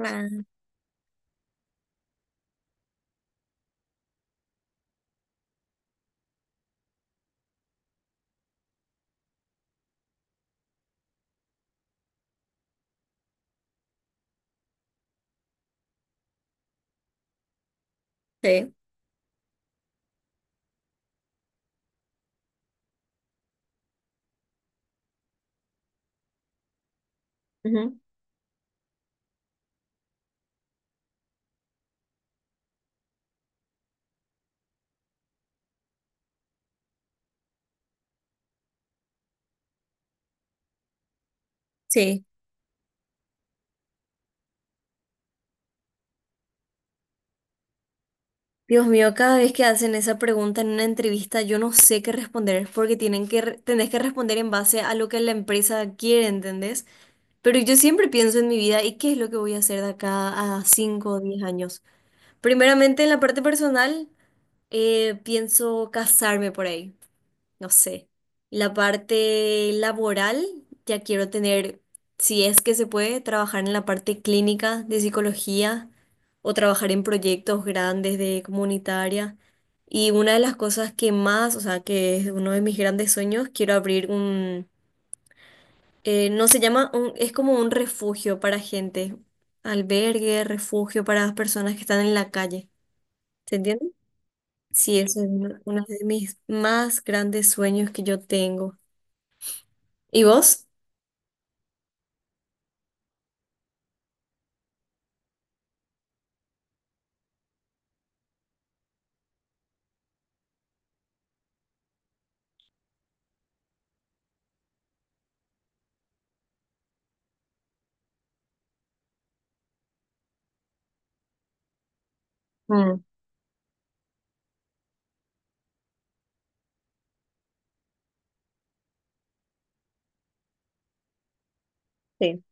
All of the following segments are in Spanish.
Ah, sí. Ujú. Sí. Dios mío, cada vez que hacen esa pregunta en una entrevista, yo no sé qué responder, porque tienen que, tenés que responder en base a lo que la empresa quiere, ¿entendés? Pero yo siempre pienso en mi vida y qué es lo que voy a hacer de acá a 5 o 10 años. Primeramente, en la parte personal, pienso casarme por ahí. No sé, la parte laboral, ya quiero tener, si es que se puede, trabajar en la parte clínica de psicología o trabajar en proyectos grandes de comunitaria. Y una de las cosas que más, o sea, que es uno de mis grandes sueños, quiero abrir un, no se llama, es como un refugio para gente, albergue, refugio para las personas que están en la calle. ¿Se entiende? Sí, eso es uno de mis más grandes sueños que yo tengo. ¿Y vos? Mm, sí,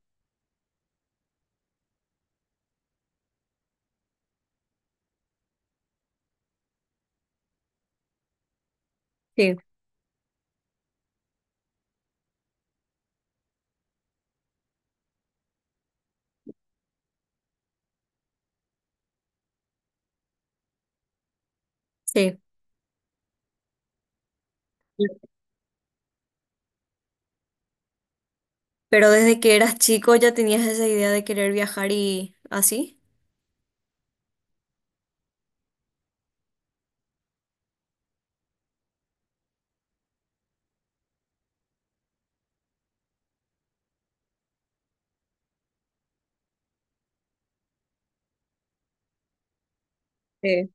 sí, sí. Pero desde que eras chico ya tenías esa idea de querer viajar y así. Sí,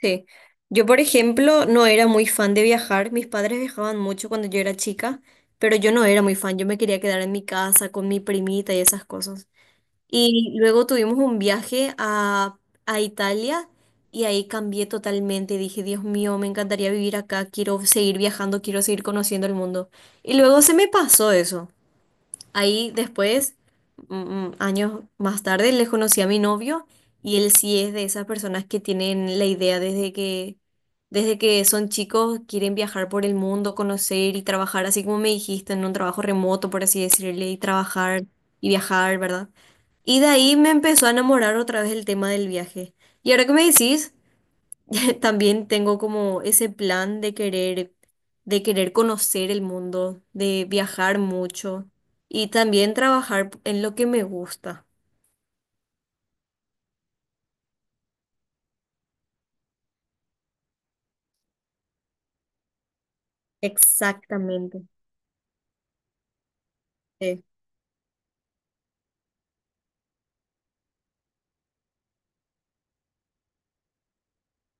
sí. Yo, por ejemplo, no era muy fan de viajar. Mis padres viajaban mucho cuando yo era chica, pero yo no era muy fan. Yo me quería quedar en mi casa con mi primita y esas cosas. Y luego tuvimos un viaje a Italia y ahí cambié totalmente. Dije, Dios mío, me encantaría vivir acá. Quiero seguir viajando, quiero seguir conociendo el mundo. Y luego se me pasó eso. Ahí después, mm, años más tarde, le conocí a mi novio y él sí es de esas personas que tienen la idea desde que son chicos, quieren viajar por el mundo, conocer y trabajar, así como me dijiste, en un trabajo remoto, por así decirle, y trabajar y viajar, ¿verdad? Y de ahí me empezó a enamorar otra vez el tema del viaje. Y ahora que me decís, también tengo como ese plan de querer conocer el mundo, de viajar mucho y también trabajar en lo que me gusta. Exactamente. Sí,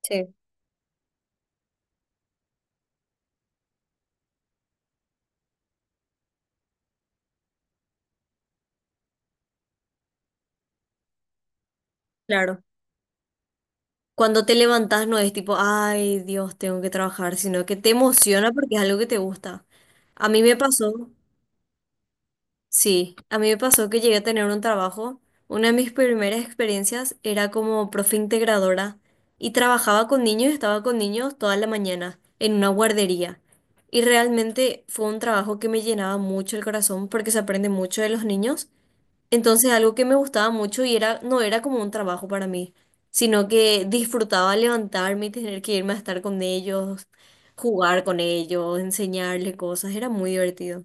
sí. Claro. Cuando te levantas no es tipo, ay, Dios, tengo que trabajar, sino que te emociona porque es algo que te gusta. A mí me pasó. Sí, a mí me pasó que llegué a tener un trabajo. Una de mis primeras experiencias era como profe integradora y trabajaba con niños, estaba con niños toda la mañana en una guardería. Y realmente fue un trabajo que me llenaba mucho el corazón porque se aprende mucho de los niños. Entonces algo que me gustaba mucho y era, no era como un trabajo para mí, sino que disfrutaba levantarme y tener que irme a estar con ellos, jugar con ellos, enseñarles cosas. Era muy divertido.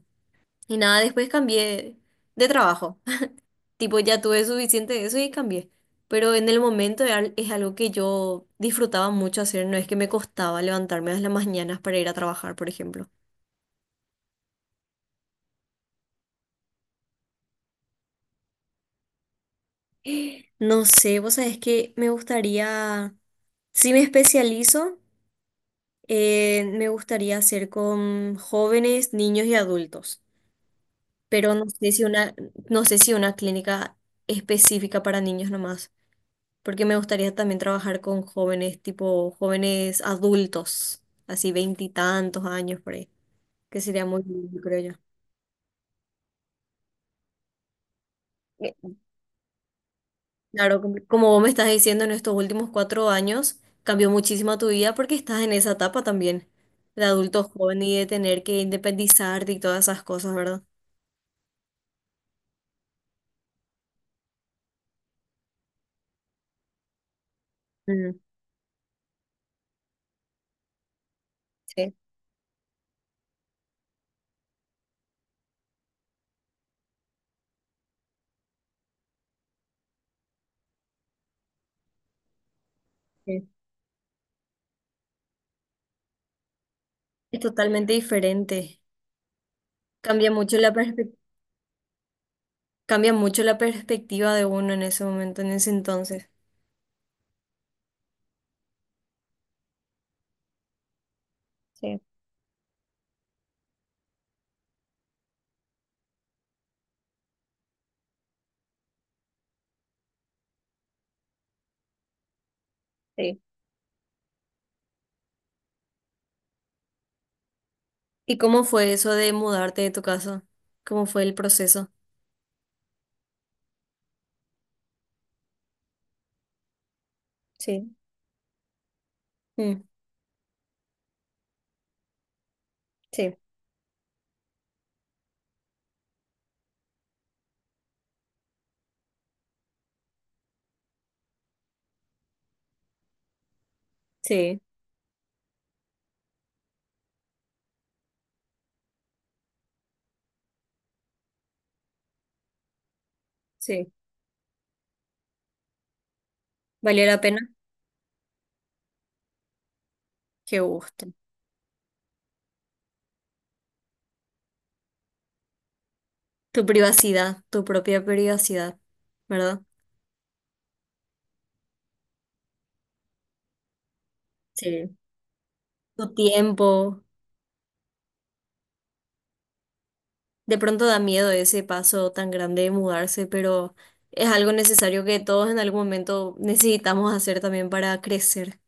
Y nada, después cambié de trabajo. Tipo, ya tuve suficiente de eso y cambié. Pero en el momento era es algo que yo disfrutaba mucho hacer. No es que me costaba levantarme a las mañanas para ir a trabajar, por ejemplo. No sé, vos sabés que me gustaría, si me especializo, me gustaría hacer con jóvenes, niños y adultos. Pero no sé si una, no sé si una clínica específica para niños nomás. Porque me gustaría también trabajar con jóvenes, tipo jóvenes adultos, así veintitantos años por ahí, que sería muy lindo, creo yo. Eh, Claro, como como vos me estás diciendo, en estos últimos 4 años cambió muchísimo tu vida porque estás en esa etapa también, de adulto joven y de tener que independizarte y todas esas cosas, ¿verdad? Mm, sí, sí. Es totalmente diferente. Cambia mucho la perspe- Cambia mucho la perspectiva de uno en ese momento, en ese entonces. Sí, sí. ¿Y cómo fue eso de mudarte de tu casa? ¿Cómo fue el proceso? Sí, mm, sí, sí, sí. ¿Valió la pena? Qué gusto. Tu privacidad, tu propia privacidad, ¿verdad? Sí. Tu tiempo. De pronto da miedo ese paso tan grande de mudarse, pero es algo necesario que todos en algún momento necesitamos hacer también para crecer.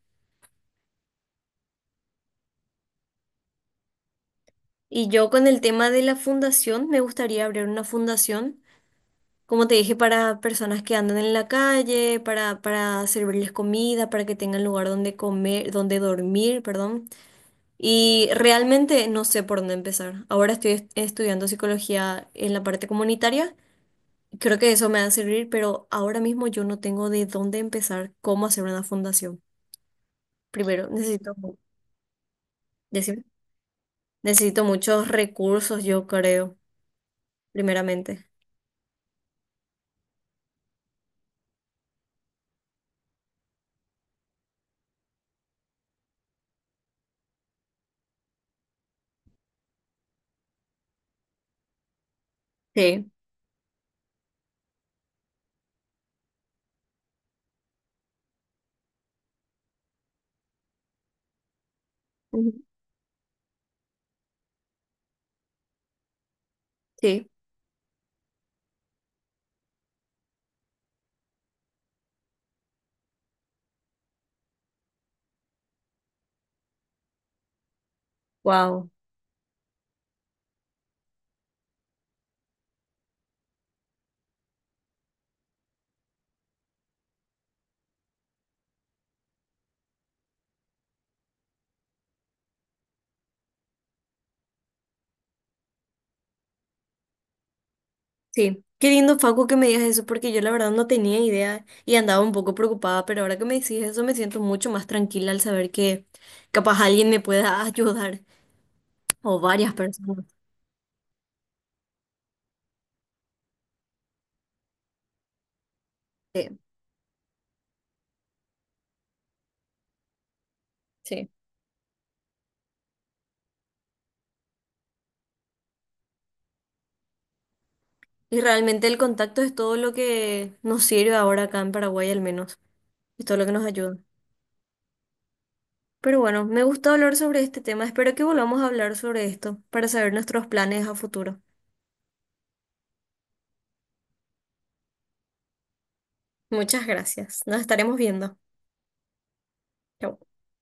Y yo con el tema de la fundación, me gustaría abrir una fundación. Como te dije, para personas que andan en la calle, para servirles comida, para que tengan lugar donde comer, donde dormir, perdón. Y realmente no sé por dónde empezar. Ahora estoy estudiando psicología en la parte comunitaria. Creo que eso me va a servir, pero ahora mismo yo no tengo de dónde empezar cómo hacer una fundación. Primero, decime. Necesito muchos recursos, yo creo, primeramente. Sí. Ujú. Sí. Wow. Sí, qué lindo, Facu, que me digas eso, porque yo la verdad no tenía idea y andaba un poco preocupada, pero ahora que me decís eso me siento mucho más tranquila al saber que capaz alguien me pueda ayudar, o varias personas. Sí, sí. Y realmente el contacto es todo lo que nos sirve ahora acá en Paraguay, al menos, es todo lo que nos ayuda. Pero bueno, me gusta hablar sobre este tema, espero que volvamos a hablar sobre esto para saber nuestros planes a futuro. Muchas gracias, nos estaremos viendo. Chau.